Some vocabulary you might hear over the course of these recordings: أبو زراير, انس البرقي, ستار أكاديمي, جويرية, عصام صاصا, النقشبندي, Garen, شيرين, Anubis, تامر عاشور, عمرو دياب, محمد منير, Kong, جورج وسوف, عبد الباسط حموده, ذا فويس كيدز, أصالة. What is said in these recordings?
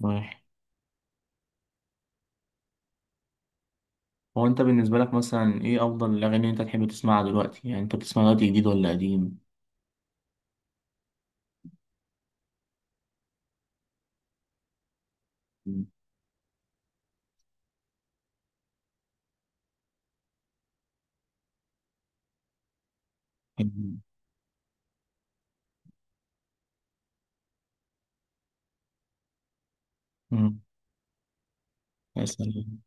ماشي. هو انت بالنسبة لك مثلا ايه افضل الاغاني اللي انت تحب تسمعها دلوقتي؟ يعني انت بتسمع دلوقتي جديد ولا قديم؟ مم. مم. يا سلام.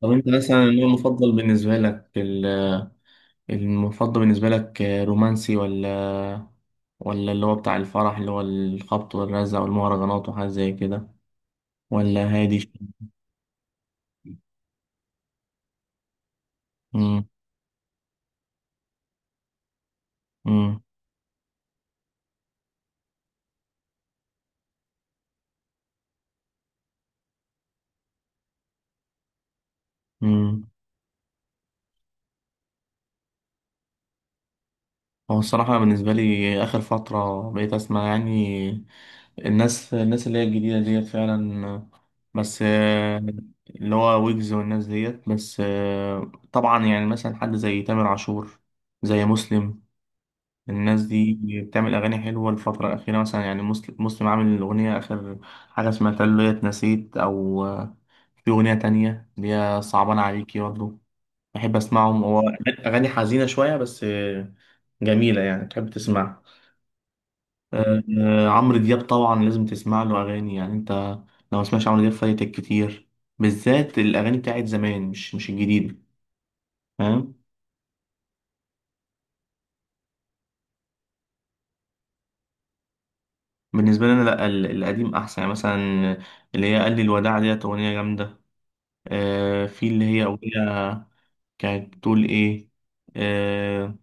طب انت مثلا النوع المفضل بالنسبة لك المفضل بالنسبة لك رومانسي ولا اللي هو بتاع الفرح اللي هو الخبط والرزع والمهرجانات وحاجات زي كده، ولا هادي شوية؟ مم. مم. مم. هو الصراحة بالنسبة لي آخر فترة بقيت أسمع يعني الناس اللي هي الجديدة ديت فعلا، بس اللي هو ويجز والناس ديت. بس طبعا يعني مثلا حد زي تامر عاشور، زي مسلم. الناس دي بتعمل أغاني حلوة الفترة الأخيرة، مثلا يعني مسلم عامل أغنية آخر حاجة سمعتها اللي هي اتنسيت، أو في أغنية تانية اللي هي صعبان عليكي برضه. بحب أسمعهم، هو أغاني حزينة شوية بس جميلة يعني تحب تسمعها. عمرو دياب طبعا لازم تسمع له اغاني. يعني انت لو ما سمعتش عمرو دياب فايتك كتير، بالذات الاغاني بتاعت زمان، مش الجديده، فاهم. بالنسبه لي انا لا، القديم احسن، يعني مثلا اللي هي قال لي الوداع ديت اغنيه جامده. في اللي هي اغنيه كانت بتقول ايه، آه،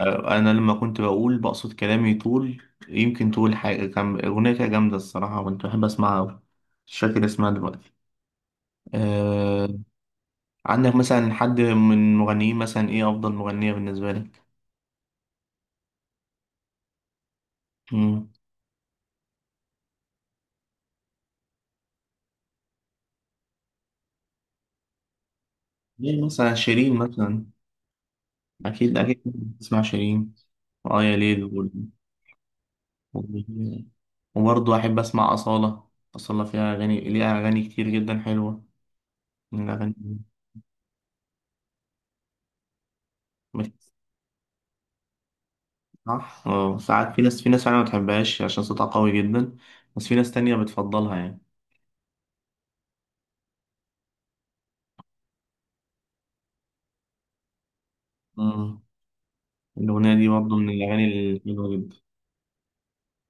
انا لما كنت بقول بقصد كلامي طول، يمكن تقول حاجه. كان اغنيه كده جامده الصراحه، كنت بحب اسمعها أوي. مش فاكر اسمها دلوقتي. آه، عندك مثلا حد من مغنيين مثلا، ايه افضل مغنية بالنسبة لك؟ مم. مين مثلا؟ شيرين مثلا؟ اكيد بتسمع شيرين وآية ليل و- و- وبرضه احب اسمع أصالة. أصالة فيها اغاني، ليها اغاني كتير جدا حلوة من الاغاني. مش- صح. اه ساعات في ناس فعلا ما بتحبهاش عشان صوتها قوي جدا، بس في ناس تانية بتفضلها يعني. مم. الأغنية دي برضه من الأغاني الحلوة جدا.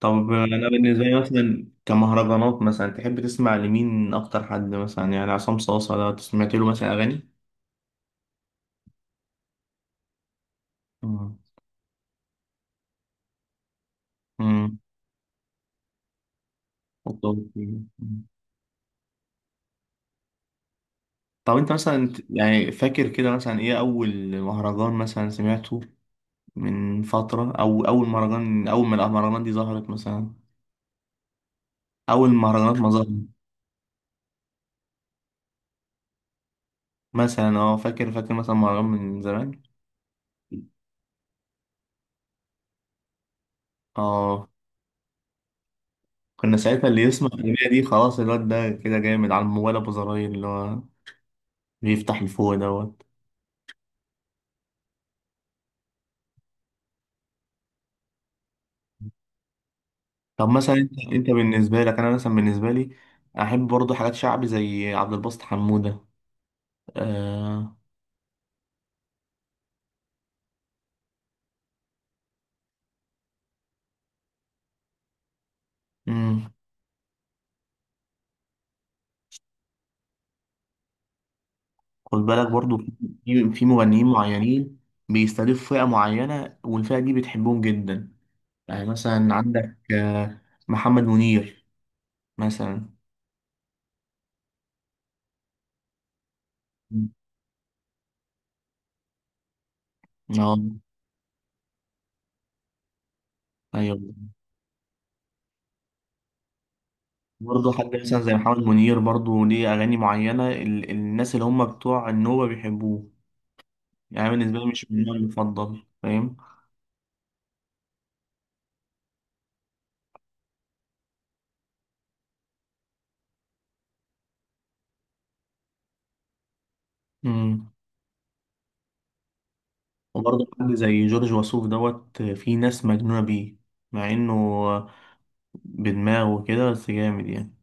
طب انا بالنسبه لي مثلا كمهرجانات، مثلا تحب تسمع لمين اكتر؟ حد مثلا يعني عصام صاصا، ده سمعت له مثلا اغاني. مم. مم. طب طب انت مثلا يعني فاكر كده مثلا ايه اول مهرجان مثلا سمعته من فتره؟ او اول مهرجان، اول ما المهرجانات دي ظهرت مثلا، اول مهرجانات ما ظهرت. مثلا اه، فاكر مثلا مهرجان من زمان؟ اه، كنا ساعتها اللي يسمع الأغنية دي خلاص الواد ده كده جامد. على الموبايل أبو زراير اللي هو بيفتح لفوق دوت. طب مثلا انت بالنسبه لك، انا مثلا بالنسبه لي احب برضو حاجات شعبي زي عبد الباسط حموده. آه، امم. خد بالك برضو، في مغنيين معينين بيستهدفوا فئه معينه، والفئه دي بتحبهم جدا. يعني مثلا عندك آه محمد منير مثلا. مم. اه ايوه. برضه حد مثلا زي محمد منير برضه ليه اغاني معينه، الناس اللي هم بتوع النوبه بيحبوه. يعني بالنسبه لي مش من النوع المفضل، فاهم. امم. وبرضه حد زي جورج وسوف دوت، في ناس مجنونة بيه مع انه بدماغه كده بس جامد يعني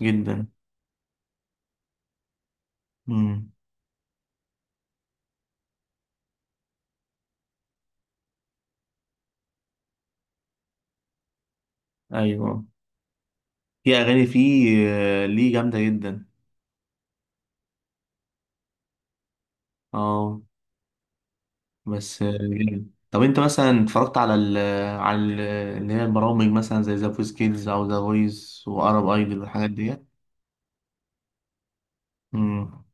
جدا. امم ايوه. في اغاني فيه ليه جامدة جدا. اه بس جامد. طب انت مثلا اتفرجت على ال على ال اللي هي البرامج مثلا زي ذا فويس كيدز او ذا فويس وارب ايدل والحاجات ديت؟ امم،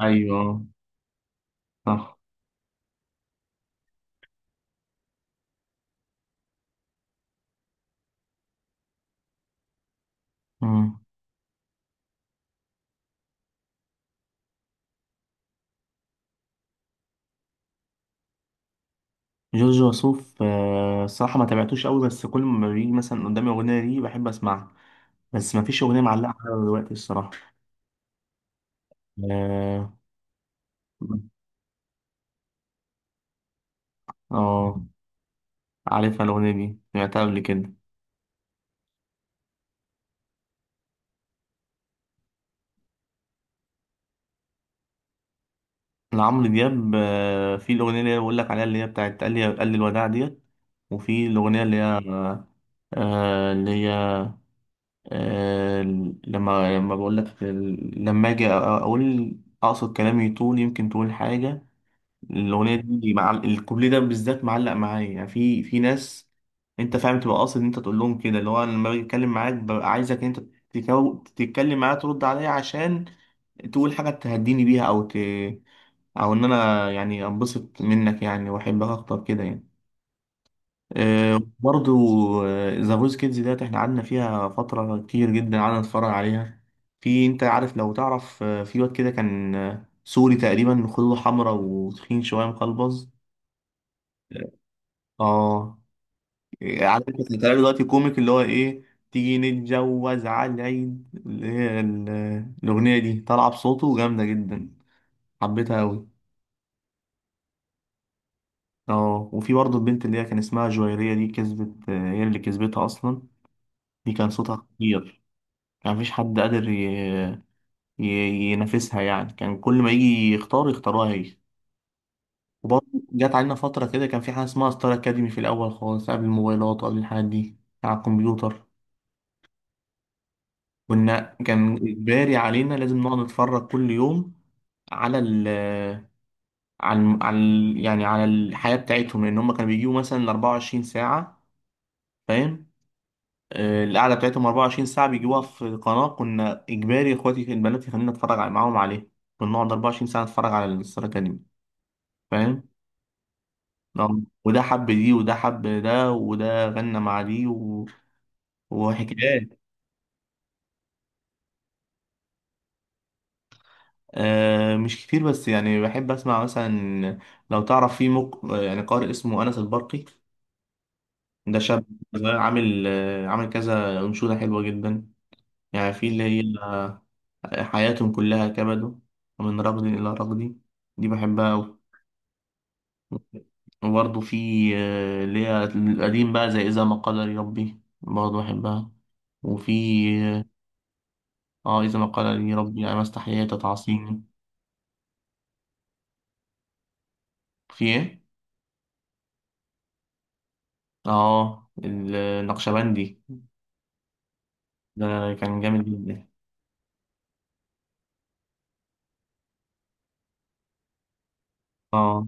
ايوه، صح. مم. جورج وسوف الصراحة ما تابعتوش قوي، بس كل ما بيجي مثلا قدامي أغنية ليه بحب أسمعها، بس ما فيش أغنية معلقة معايا دلوقتي الصراحة. آه آه، عارفها الأغنية دي، سمعتها قبل كده. لعمرو دياب في الأغنية اللي هي بقول لك عليها اللي هي بتاعت قال لي، قال لي الوداع ديت، وفي الأغنية اللي هي اللي هي آه لما بقول لك لما أجي أقول أقصد كلامي طول، يمكن تقول حاجة. الاغنيه دي مع الكوبليه ده بالذات معلق معايا يعني. في ناس، انت فاهم، تبقى قاصد ان انت تقول لهم كده اللي هو أنا لما باجي اتكلم معاك ببقى عايزك ان انت تتكلم معايا ترد عليا عشان تقول حاجه تهديني بيها، او ت... او ان انا يعني انبسط منك يعني واحبك اكتر كده يعني. أه برضو. ذا فويس كيدز ديت احنا قعدنا فيها فتره كتير جدا قعدنا نتفرج عليها. في انت عارف، لو تعرف، في واد كده كان سوري تقريبا، خدوده حمرا وتخين شويه مقلبز. اه إيه، عارف كنت بتعمل دلوقتي كوميك اللي هو ايه، تيجي نتجوز على العيد اللي هي الأغنية دي طالعة بصوته جامدة جدا، حبيتها أوي. اه، وفي برضه البنت اللي هي كان اسمها جويرية دي كسبت، هي اللي كسبتها أصلا. دي كان صوتها خطير. كان مفيش حد قادر ي- ي- ينافسها يعني، كان كل ما يجي يختار يختاروها هي. وبرضه جت علينا فترة كده كان في حاجة اسمها ستار أكاديمي في الأول خالص، قبل الموبايلات وقبل الحاجات دي، على الكمبيوتر. كنا، كان إجباري علينا لازم نقعد نتفرج كل يوم على ال على على يعني على الحياة بتاعتهم، لأن هم كانوا بيجيبوا مثلا 24 ساعة، فاهم. القعدة بتاعتهم 24 ساعة بيجيبوها في القناة، كنا إجباري إخواتي البنات يخلينا نتفرج على- معاهم عليه، كنا نقعد 24 ساعة نتفرج على الستار أكاديمي، فاهم. نعم. وده حب دي، وده حب ده، وده غنى مع دي و... وحكايات. آه مش كتير، بس يعني بحب اسمع مثلا، لو تعرف في مق... يعني قارئ اسمه انس البرقي، ده شاب صغير عامل آه عامل كذا انشوده حلوه جدا. يعني في اللي هي حياتهم كلها كبد، ومن رغد الى رغد، دي بحبها أوي. وبرضه في اللي هي القديم بقى زي اذا ما قدر ربي، برضه بحبها. وفي اه اذا ما قدر ربي يعني ما استحييت تعصيني. في ايه؟ اه النقشبندي ده كان جامد جدا. اه،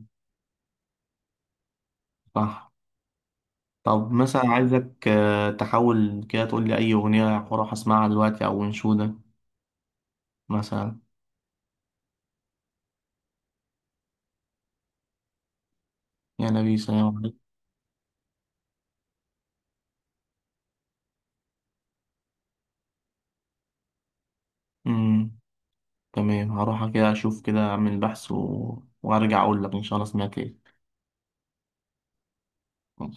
صح. طب مثلا عايزك تحاول كده تقول لي اي اغنيه هروح اسمعها دلوقتي او انشوده مثلا. يا نبي سلام عليكم. امم، تمام، هروح كده اشوف كده اعمل بحث و... وارجع اقول لك ان شاء الله سمعت. ايه؟